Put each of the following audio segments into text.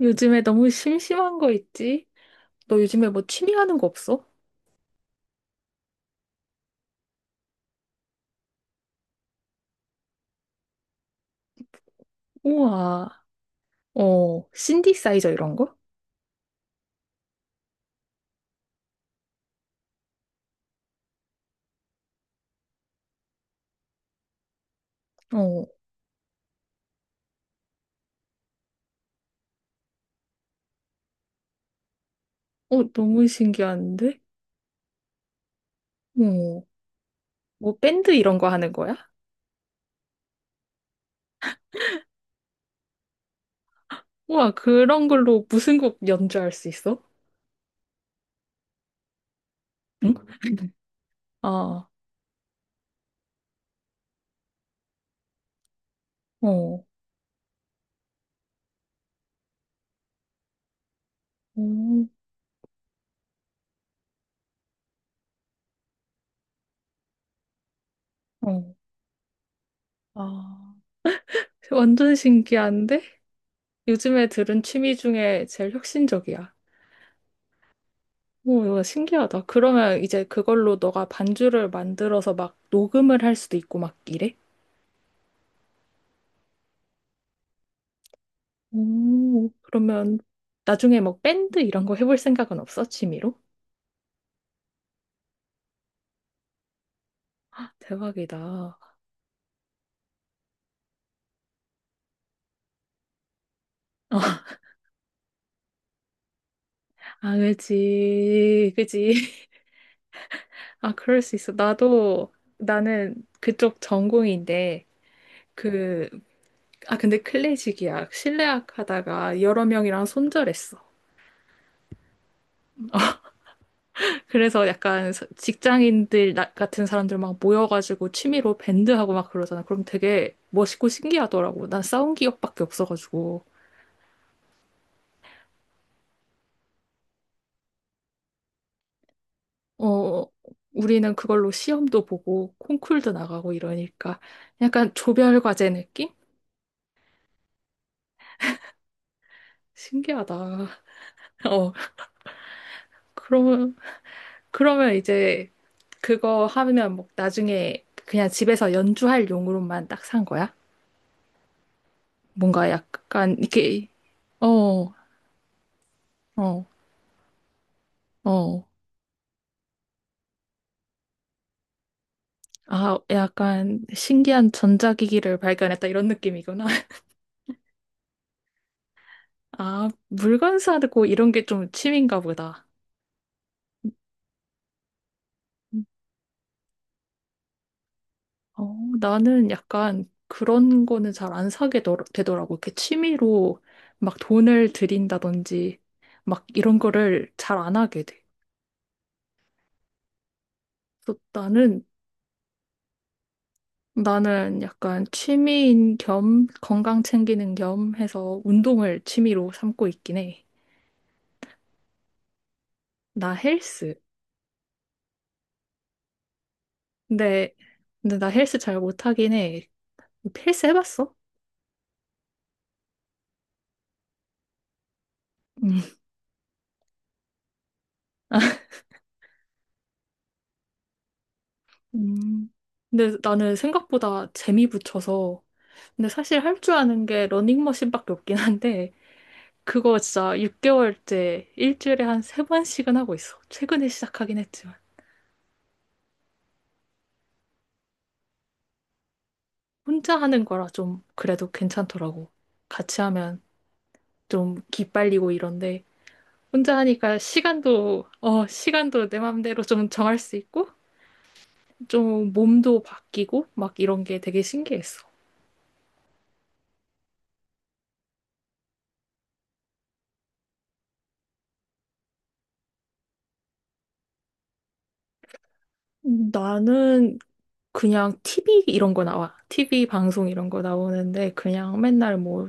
요즘에 너무 심심한 거 있지? 너 요즘에 뭐 취미 하는 거 없어? 우와. 어, 신디사이저 이런 거? 어, 어, 너무 신기한데? 어, 뭐 밴드 이런 거 하는 거야? 우와, 그런 걸로 무슨 곡 연주할 수 있어? 응? 아, 어, 음, 어, 아, 완전 신기한데? 요즘에 들은 취미 중에 제일 혁신적이야. 오, 이거 신기하다. 그러면 이제 그걸로 너가 반주를 만들어서 막 녹음을 할 수도 있고 막 이래? 오, 그러면 나중에 뭐 밴드 이런 거 해볼 생각은 없어? 취미로? 대박이다. 어, 아, 그지, 그지. 아, 그럴 수 있어. 나도, 나는 그쪽 전공인데, 그, 아, 근데 클래식이야. 실내악 하다가 여러 명이랑 손절했어. 그래서 약간 직장인들 같은 사람들 막 모여가지고 취미로 밴드하고 막 그러잖아. 그럼 되게 멋있고 신기하더라고. 난 싸운 기억밖에 없어가지고. 어, 우리는 그걸로 시험도 보고 콩쿨도 나가고 이러니까 약간 조별 과제 느낌? 신기하다. 어, 그러면 이제 그거 하면 뭐 나중에 그냥 집에서 연주할 용으로만 딱 산 거야? 뭔가 약간 이게 어, 어, 어. 아, 약간 신기한 전자기기를 발견했다 이런 느낌이구나. 아, 물건 사고 이런 게 좀 취미인가 보다. 어, 나는 약간 그런 거는 잘 안 사게 되더라고. 이렇게 취미로 막 돈을 들인다든지 막 이런 거를 잘 안 하게 돼. 그래서 나는 약간 취미인 겸 건강 챙기는 겸 해서 운동을 취미로 삼고 있긴 해. 나 헬스. 근데 근데 나 헬스 잘 못하긴 해. 헬스 해봤어? 음. 음. 근데 나는 생각보다 재미 붙여서 근데 사실 할 줄 아는 게 러닝머신밖에 없긴 한데, 그거 진짜 6개월째 일주일에 한 세번씩은 하고 있어. 최근에 시작하긴 했지만. 혼자 하는 거라 좀 그래도 괜찮더라고. 같이 하면 좀 기빨리고 이런데, 혼자 하니까 시간도 내 맘대로 좀 정할 수 있고, 좀 몸도 바뀌고, 막 이런 게 되게 신기했어. 나는 그냥 TV 이런 거 나와. TV 방송 이런 거 나오는데, 그냥 맨날 뭐,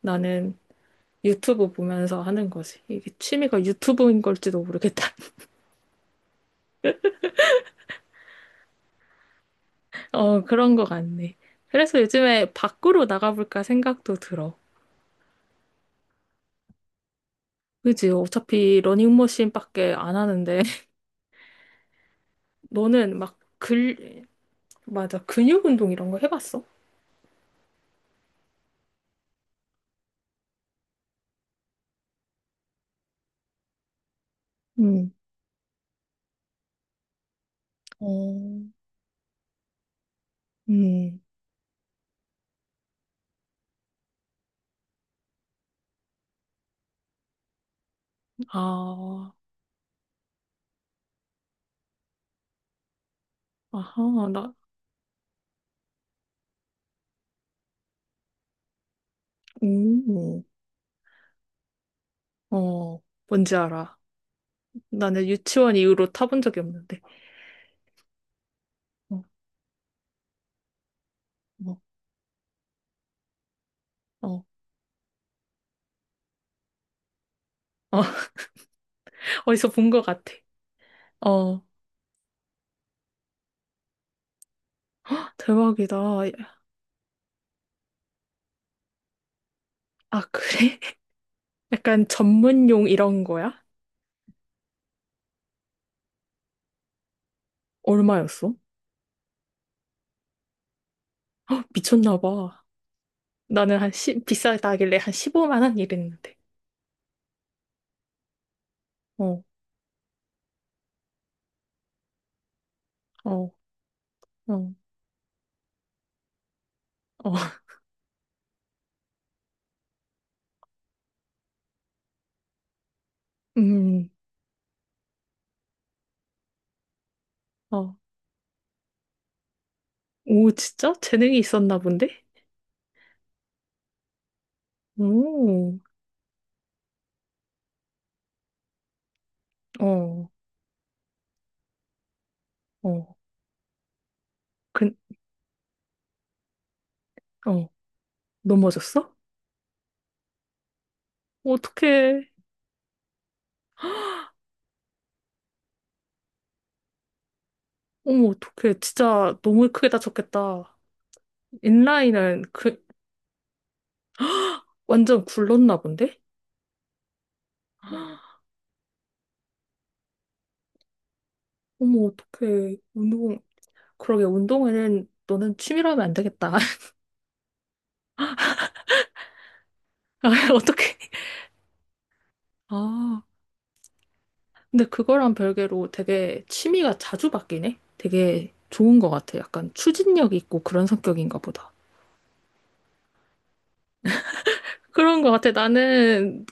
나는 유튜브 보면서 하는 거지. 이게 취미가 유튜브인 걸지도 모르겠다. 어, 그런 거 같네. 그래서 요즘에 밖으로 나가볼까 생각도 들어. 그지? 어차피 러닝머신밖에 안 하는데, 너는 막 글, 맞아. 근육 운동 이런 거 해봤어? 음. 어, 음, 아, 아하, 나, 음, 어, 뭔지 알아. 나는 유치원 이후로 타본 적이 없는데. 어, 어, 어, 어, 어디서 본 것 같아. 어, 대박이다. 아, 그래? 약간 전문용 이런 거야? 얼마였어? 헉, 미쳤나 봐. 나는 한 십 비싸다길래 한 15만 원 이랬는데. 어, 어, 어, 어, 음, 어. 오, 진짜? 재능이 있었나 본데? 오, 어, 어. 그, 어, 넘어졌어? 어떡해. 어머, 어떡해. 진짜 너무 크게 다쳤겠다. 인라인은 그, 완전 굴렀나 본데? 어머, 어떡해. 그러게 운동은 너는 취미로 하면 안 되겠다. 아, 어떻게? 아, 근데 그거랑 별개로 되게 취미가 자주 바뀌네. 되게 좋은 것 같아. 약간 추진력 있고 그런 성격인가 보다. 그런 것 같아. 나는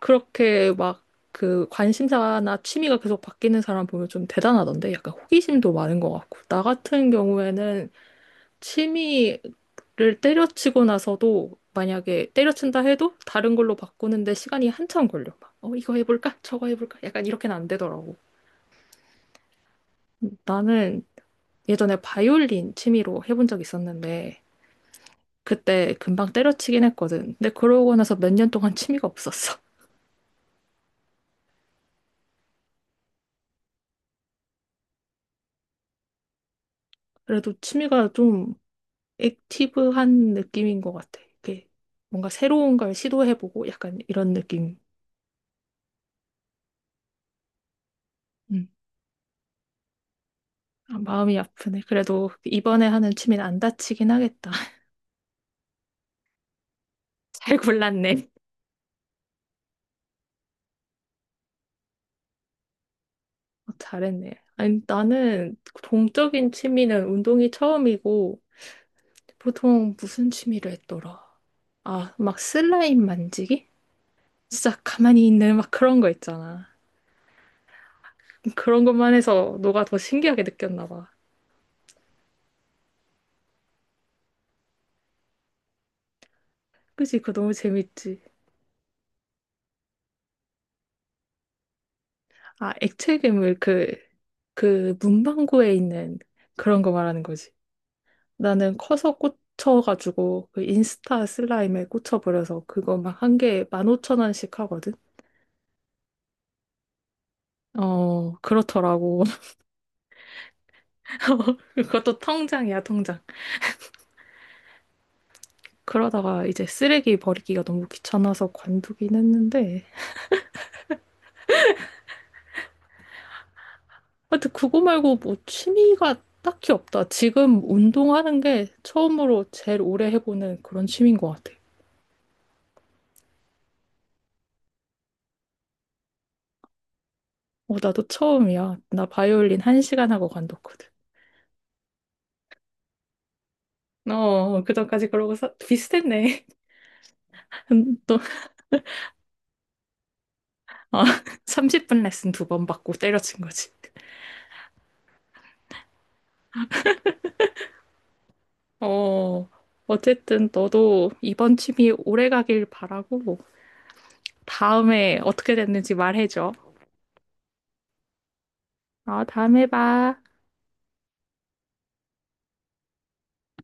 그렇게 막 그 관심사나 취미가 계속 바뀌는 사람 보면 좀 대단하던데. 약간 호기심도 많은 것 같고. 나 같은 경우에는 취미를 때려치고 나서도 만약에 때려친다 해도 다른 걸로 바꾸는데 시간이 한참 걸려. 막, 어, 이거 해볼까? 저거 해볼까? 약간 이렇게는 안 되더라고. 나는 예전에 바이올린 취미로 해본 적이 있었는데 그때 금방 때려치긴 했거든. 근데 그러고 나서 몇 년 동안 취미가 없었어. 그래도 취미가 좀 액티브한 느낌인 것 같아. 이게 뭔가 새로운 걸 시도해보고 약간 이런 느낌. 음. 아, 마음이 아프네. 그래도 이번에 하는 취미는 안 다치긴 하겠다. 잘 골랐네. 어, 잘했네. 아니, 나는 동적인 취미는 운동이 처음이고, 보통 무슨 취미를 했더라? 아, 막 슬라임 만지기? 진짜 가만히 있는 막 그런 거 있잖아. 그런 것만 해서 너가 더 신기하게 느꼈나 봐. 그치? 그거 너무 재밌지. 아, 액체 괴물 그, 그 문방구에 있는 그런 거 말하는 거지. 나는 커서 꽂혀가지고 그 인스타 슬라임에 꽂혀버려서 그거 막 한 개에 15,000원씩 하거든? 어, 그렇더라고. 그것도 통장이야, 통장. 그러다가 이제 쓰레기 버리기가 너무 귀찮아서 관두긴 했는데. 하여튼 그거 말고 뭐 취미가 딱히 없다. 지금 운동하는 게 처음으로 제일 오래 해보는 그런 취미인 것 같아. 어, 나도 처음이야. 나 바이올린 한 시간 하고 관뒀거든. 어, 그전까지 그러고 비슷했네. 또, 아, 30분 레슨 두 번 받고 때려친 거지. 어, 어쨌든 너도 이번 취미 오래 가길 바라고 다음에 어떻게 됐는지 말해줘. 어, 다음에 봐.